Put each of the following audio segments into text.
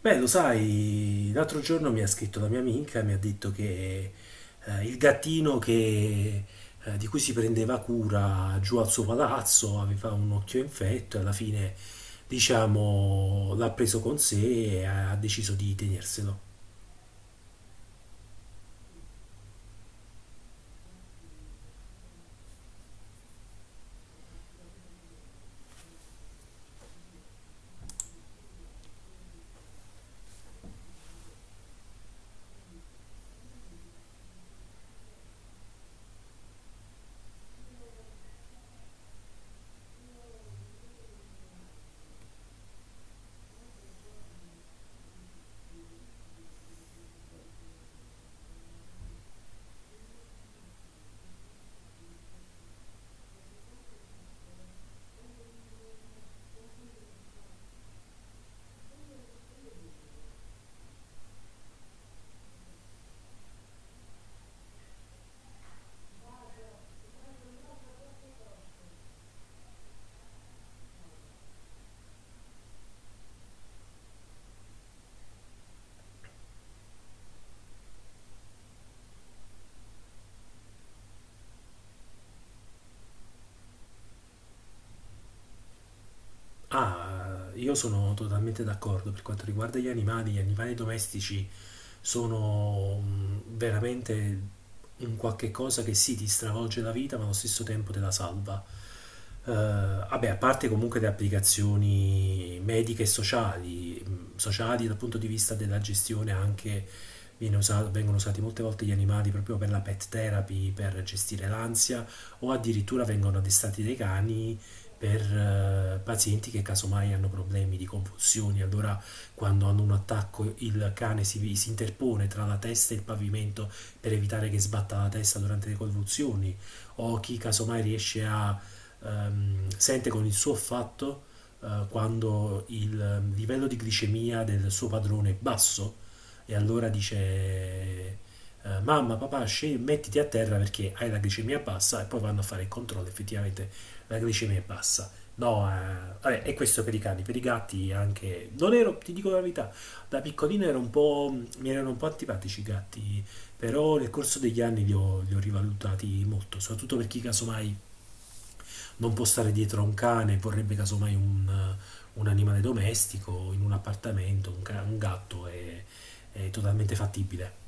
Beh, lo sai, l'altro giorno mi ha scritto la mia amica e mi ha detto che il gattino di cui si prendeva cura giù al suo palazzo aveva un occhio infetto e alla fine, diciamo, l'ha preso con sé e ha deciso di tenerselo. Ah, io sono totalmente d'accordo per quanto riguarda gli animali domestici sono veramente un qualche cosa che sì, ti stravolge la vita, ma allo stesso tempo te la salva. Vabbè, a parte comunque le applicazioni mediche e sociali, sociali dal punto di vista della gestione anche vengono usati molte volte gli animali proprio per la pet therapy, per gestire l'ansia o addirittura vengono addestrati dei cani per pazienti che casomai hanno problemi di convulsioni, allora quando hanno un attacco il cane si interpone tra la testa e il pavimento per evitare che sbatta la testa durante le convulsioni, o chi casomai riesce a sente con il suo affatto quando il livello di glicemia del suo padrone è basso e allora dice mamma, papà, mettiti a terra perché hai la glicemia bassa e poi vanno a fare il controllo, effettivamente la glicemia è bassa. No, vabbè, e questo per i cani, per i gatti anche. Non ero, ti dico la verità, da piccolino ero un po', mi erano un po' antipatici i gatti, però nel corso degli anni li ho rivalutati molto, soprattutto per chi casomai non può stare dietro a un cane, vorrebbe casomai un animale domestico in un appartamento, un gatto è totalmente fattibile.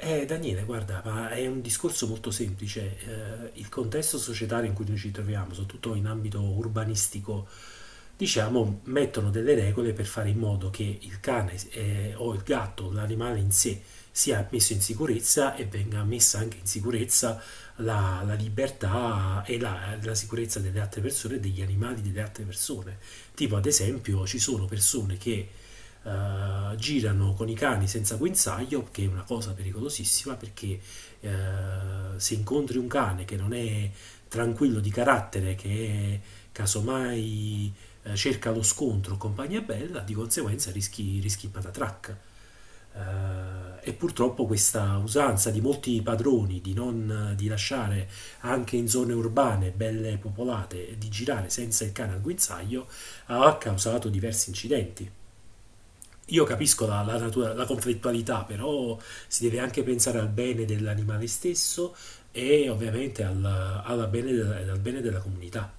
Daniele, guarda, ma è un discorso molto semplice. Il contesto societario in cui noi ci troviamo, soprattutto in ambito urbanistico, diciamo, mettono delle regole per fare in modo che il cane o il gatto, l'animale in sé, sia messo in sicurezza e venga messa anche in sicurezza la libertà e la sicurezza delle altre persone, e degli animali delle altre persone. Tipo, ad esempio, ci sono persone che girano con i cani senza guinzaglio, che è una cosa pericolosissima perché eh, se incontri un cane che non è tranquillo di carattere, che è casomai cerca lo scontro o compagnia bella, di conseguenza rischi patatrac. E purtroppo questa usanza di molti padroni di non di lasciare anche in zone urbane belle popolate di girare senza il cane al guinzaglio ha causato diversi incidenti. Io capisco la natura, la conflittualità, però si deve anche pensare al bene dell'animale stesso e ovviamente alla bene al bene della comunità.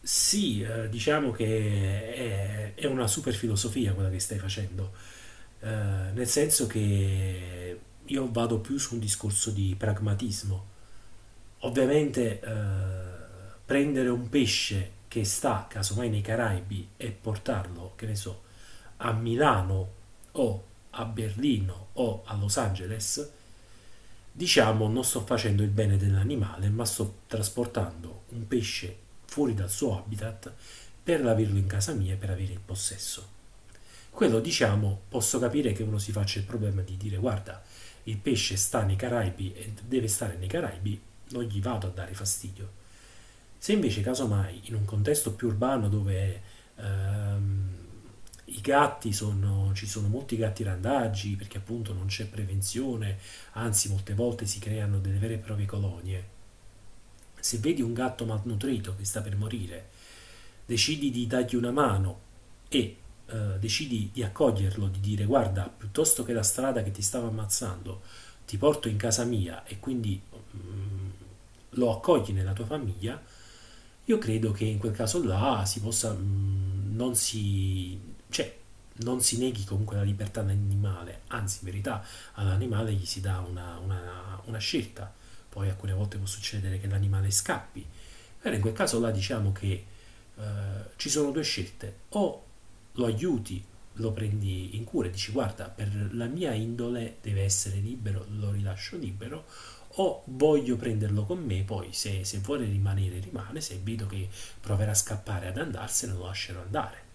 Sì, diciamo che è una super filosofia quella che stai facendo, nel senso che io vado più su un discorso di pragmatismo. Ovviamente prendere un pesce che sta casomai nei Caraibi e portarlo, che ne so, a Milano o a Berlino o a Los Angeles, diciamo non sto facendo il bene dell'animale, ma sto trasportando un pesce fuori dal suo habitat per averlo in casa mia e per avere il possesso. Quello, diciamo, posso capire che uno si faccia il problema di dire guarda, il pesce sta nei Caraibi e deve stare nei Caraibi, non gli vado a dare fastidio. Se invece casomai in un contesto più urbano dove ehm, i gatti ci sono molti gatti randaggi perché appunto non c'è prevenzione, anzi molte volte si creano delle vere e proprie colonie, se vedi un gatto malnutrito che sta per morire, decidi di dargli una mano e decidi di accoglierlo, di dire guarda, piuttosto che la strada che ti stava ammazzando, ti porto in casa mia e quindi mm, lo accogli nella tua famiglia, io credo che in quel caso là si possa, mm, non si, cioè, non si neghi comunque la libertà all'animale, anzi in verità all'animale gli si dà una scelta, poi alcune volte può succedere che l'animale scappi. Allora in quel caso là diciamo che eh, ci sono due scelte. O lo aiuti, lo prendi in cura e dici guarda, per la mia indole deve essere libero, lo rilascio libero, o voglio prenderlo con me, poi se vuole rimanere rimane, se vedo che proverà a scappare ad andarsene lo lascerò andare.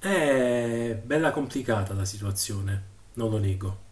È bella complicata la situazione, non lo nego.